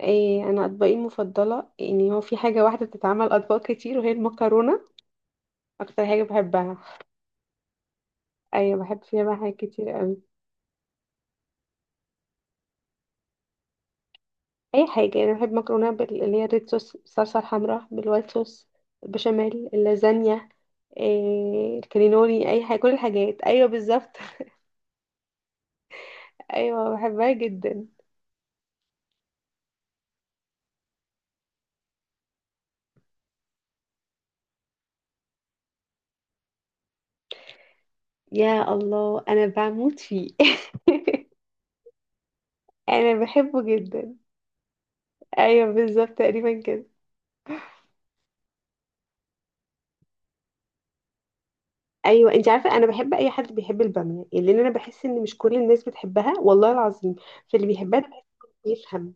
إيه انا اطباقي المفضله، يعني هو في حاجه واحده بتتعمل اطباق كتير وهي المكرونه. اكتر حاجه بحبها. ايوه، بحب فيها بقى حاجات كتير قوي. اي حاجه يعني، بحب مكرونه اللي هي الريد صوص، الصلصه الحمراء، بالوايت صوص البشاميل، اللازانيا. إيه الكرينولي، اي حاجه، كل الحاجات، ايوه بالظبط. ايوه، بحبها جدا. يا الله، انا بموت فيه. انا بحبه جدا. ايوه بالظبط تقريبا كده. ايوه، انت عارفه، انا بحب اي حد بيحب الباميه، يعني لان انا بحس ان مش كل الناس بتحبها، والله العظيم. فاللي بيحبها ده بحس إنه بيفهم.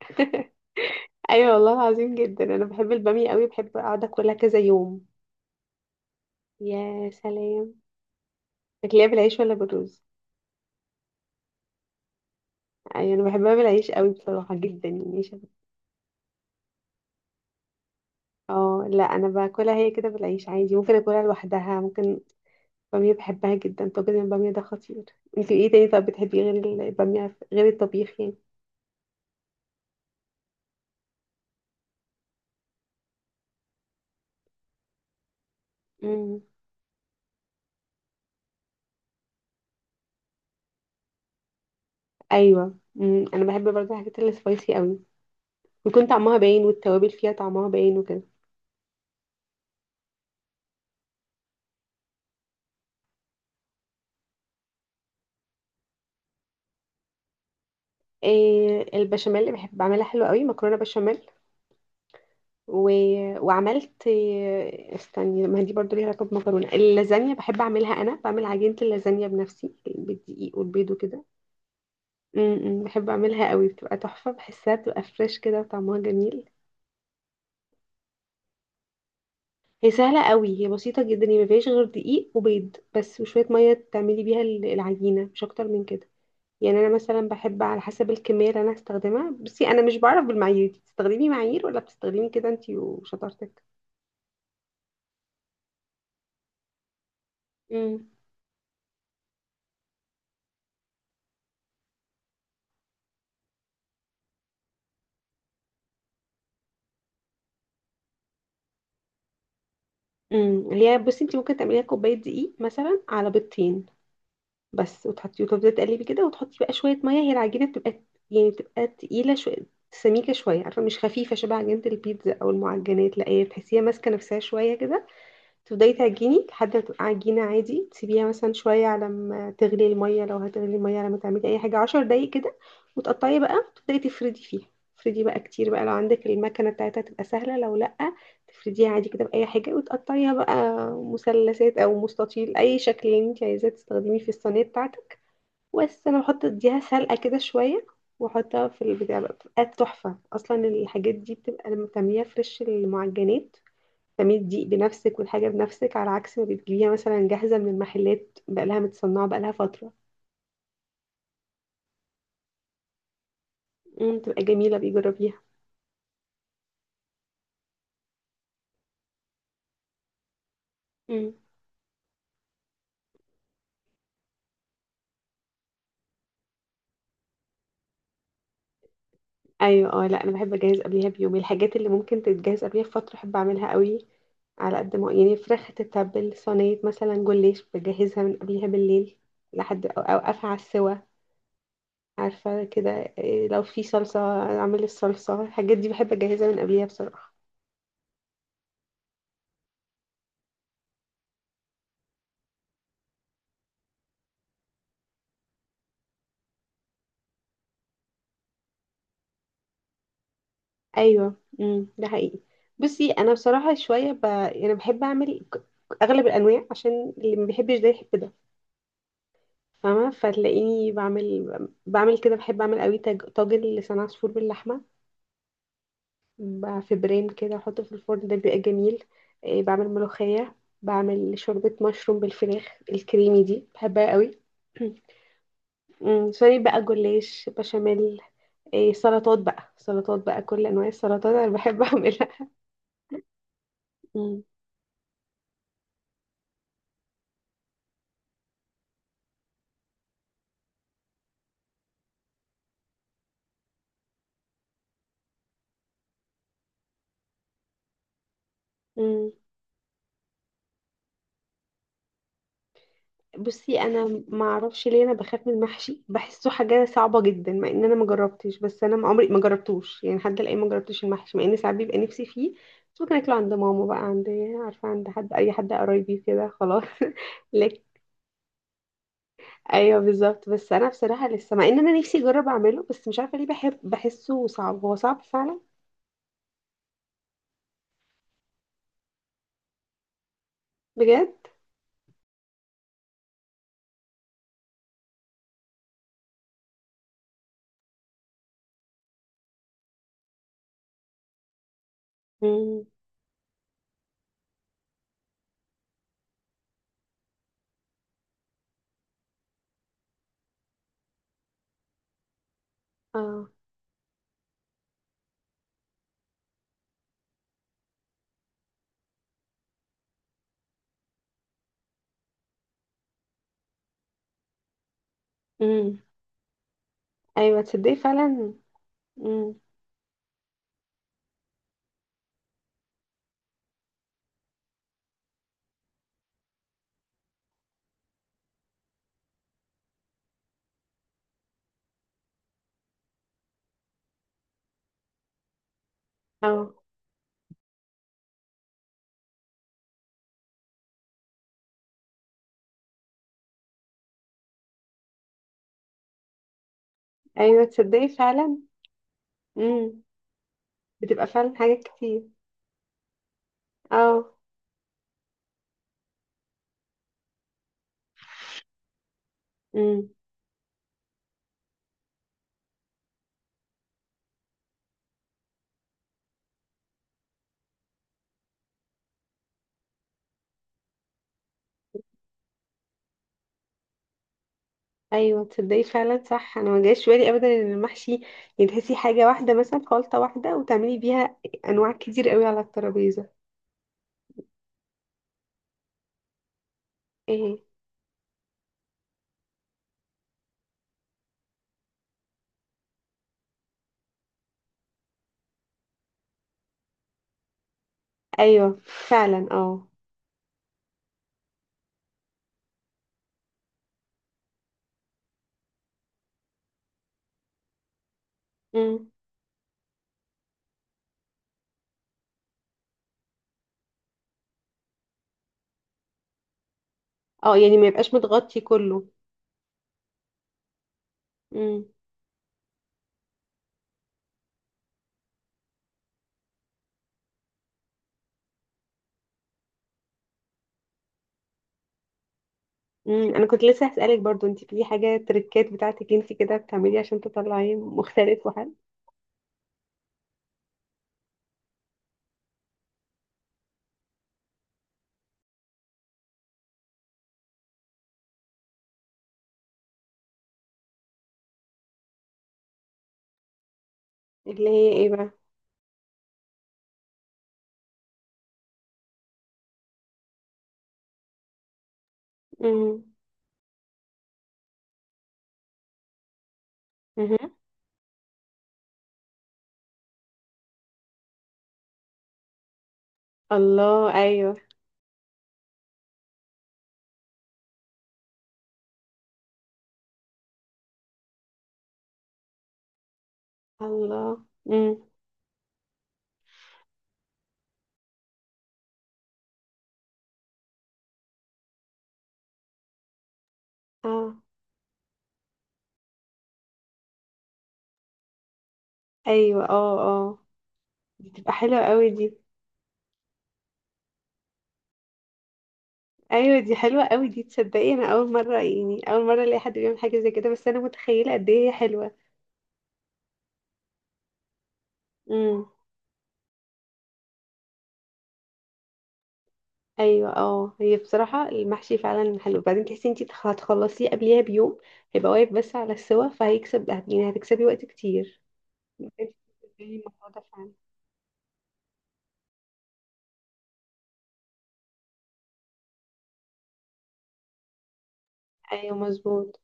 ايوه والله العظيم، جدا انا بحب الباميه قوي، بحب اقعد اكلها كذا يوم. يا سلام. بتاكليها بالعيش ولا بالرز؟ ايوه انا بحبها بالعيش قوي بصراحه جدا، يعني اه لا، انا باكلها هي كده بالعيش عادي، ممكن اكلها لوحدها ممكن. الباميه بحبها جدا، طاجن الباميه ده خطير. انت ايه تاني؟ طب بتحبيه غير الباميه، غير الطبيخ يعني؟ امم. ايوه، انا بحب برضه الحاجات اللي سبايسي قوي، ويكون طعمها باين، والتوابل فيها طعمها باين وكده. إيه، البشاميل اللي بحب اعملها حلوه قوي، مكرونه بشاميل و... وعملت إيه؟ استني، ما هي دي برضه ليها علاقه بمكرونه، اللازانيا بحب اعملها، انا بعمل عجينه اللازانيا بنفسي بالدقيق والبيض وكده. بحب اعملها قوي، بتبقى تحفه، بحسها بتبقى فريش كده وطعمها جميل. هي سهله قوي، هي بسيطه جدا، هي ما فيهاش غير دقيق وبيض بس، وشويه ميه تعملي بيها العجينه، مش اكتر من كده. يعني انا مثلا بحب على حسب الكميه اللي انا هستخدمها. بصي، انا مش بعرف بالمعايير دي، بتستخدمي معايير ولا بتستخدمي كده انتي وشطارتك؟ امم اللي هي، بصي، انتي ممكن تعمليها كوبايه دقيق مثلا على بيضتين بس، وتحطي وتفضلي تقلبي كده، وتحطي بقى شويه ميه. هي العجينه بتبقى، يعني بتبقى تقيله شويه، سميكه شويه، عارفه، مش خفيفه شبه عجينه البيتزا او المعجنات، لا هي تحسيها ماسكه نفسها شويه كده. تبدأي تعجني لحد ما تبقى عجينة عادي، تسيبيها مثلا شوية على ما تغلي المية، لو هتغلي المية لما تعملي أي حاجة عشر دقايق كده. وتقطعي بقى، تبدأي تفردي فيها. تفردي بقى كتير بقى، لو عندك المكنة بتاعتها تبقى سهلة، لو لأ تفرديها عادي كده بأي حاجة وتقطعيها بقى مثلثات أو مستطيل، أي شكل اللي انت عايزاه تستخدميه في الصينية بتاعتك. بس أنا بحط اديها سلقة كده شوية، واحطها في البتاع بقى، بتبقى تحفة. أصلا الحاجات دي بتبقى لما بتعمليها فريش، المعجنات تعملي الدقيق بنفسك والحاجة بنفسك، على عكس ما بتجيبيها مثلا جاهزة من المحلات، بقالها متصنعة، بقالها فترة. تبقى جميلة، بيجربيها. امم ايوه، اه لا، انا بحب اجهز قبليها بيوم، الحاجات اللي ممكن تتجهز قبليها بفترة احب اعملها قوي. على قد ما يعني، فراخ تتبل، صينية مثلا جوليش بجهزها من قبلها بالليل، لحد اوقفها على السوا، عارفة كده. إيه، لو في صلصة اعمل الصلصة، الحاجات دي بحب اجهزها من قبليها بصراحة. ايوه، ده حقيقي. بصي انا بصراحه شويه يعني بحب اعمل اغلب الانواع عشان اللي ما بيحبش ده يحب ده، فاهمه؟ فتلاقيني بعمل كده، بحب اعمل قوي طاجن لسان عصفور باللحمه، في بريم كده احطه في الفرن، ده بيبقى جميل. إيه، بعمل ملوخيه، بعمل شوربه مشروم بالفراخ الكريمي دي بحبها قوي. سوري، بقى جلاش بشاميل. إيه، سلطات بقى، سلطات بقى، كل انواع السلطات انا بحب اعملها. أمم. أمم. بصي، انا ما اعرفش ليه انا بخاف من المحشي، بحسه حاجه صعبه جدا، مع ان انا ما جربتش، بس انا ما عمري ما جربتوش، يعني لحد الان ما جربتش المحشي، مع ان ساعات بيبقى نفسي فيه. بس ممكن اكله عند ماما، بقى عند، عارفه، عند حد، اي حد قرايبي كده خلاص. لك. ايوه بالظبط، بس انا بصراحه لسه، مع ان انا نفسي اجرب اعمله، بس مش عارفه ليه، بحب، بحسه صعب، هو صعب فعلا. بجد. امم. اه. امم. ايوه تصدقي فعلا. امم. اه. ايوه تصدقي فعلا. امم، بتبقى فعلا حاجات كتير. اه. امم. ايوه تصدقي فعلا، صح، انا ما جاش في بالي ابدا ان المحشي يتهسي حاجه واحده، مثلا خلطه واحده وتعملي بيها انواع كتير قوي على الترابيزه. ايه. ايوه فعلا. اه. امم. اه، يعني ما يبقاش متغطي كله؟ امم. انا كنت لسه هسالك برضو، انت في حاجه تريكات بتاعتك انت كده بتعملي عشان تطلعي مختلف وحلو؟ اللي هي ايه بقى؟ امم. امم. الله، ايوه. الله. امم. اه. ايوه. اه. اه. دي بتبقى حلوه قوي دي. ايوه، دي حلوه قوي دي، تصدقي انا اول مره، يعني اول مره الاقي حد بيعمل حاجه زي كده، بس انا متخيله قد ايه هي حلوه. امم ايوه، اه، هي بصراحه المحشي فعلا حلو، وبعدين تحسي انتي هتخلصيه قبليها بيوم، هيبقى واقف بس على السوا، فهيكسب، يعني هتكسبي وقت كتير. مكنتش واخدة بالي من الموضوع ده فعلا. ايوه مظبوط.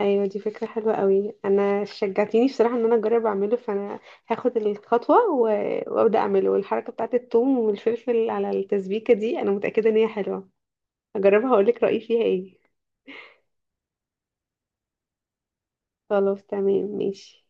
ايوه، دي فكره حلوه قوي، انا شجعتيني بصراحه ان انا اجرب اعمله، فانا هاخد الخطوه وابدا اعمله، والحركه بتاعت الثوم والفلفل على التسبيكه دي انا متاكده ان هي حلوه، هجربها هقولك رأيي فيها ايه. خلاص تمام ماشي.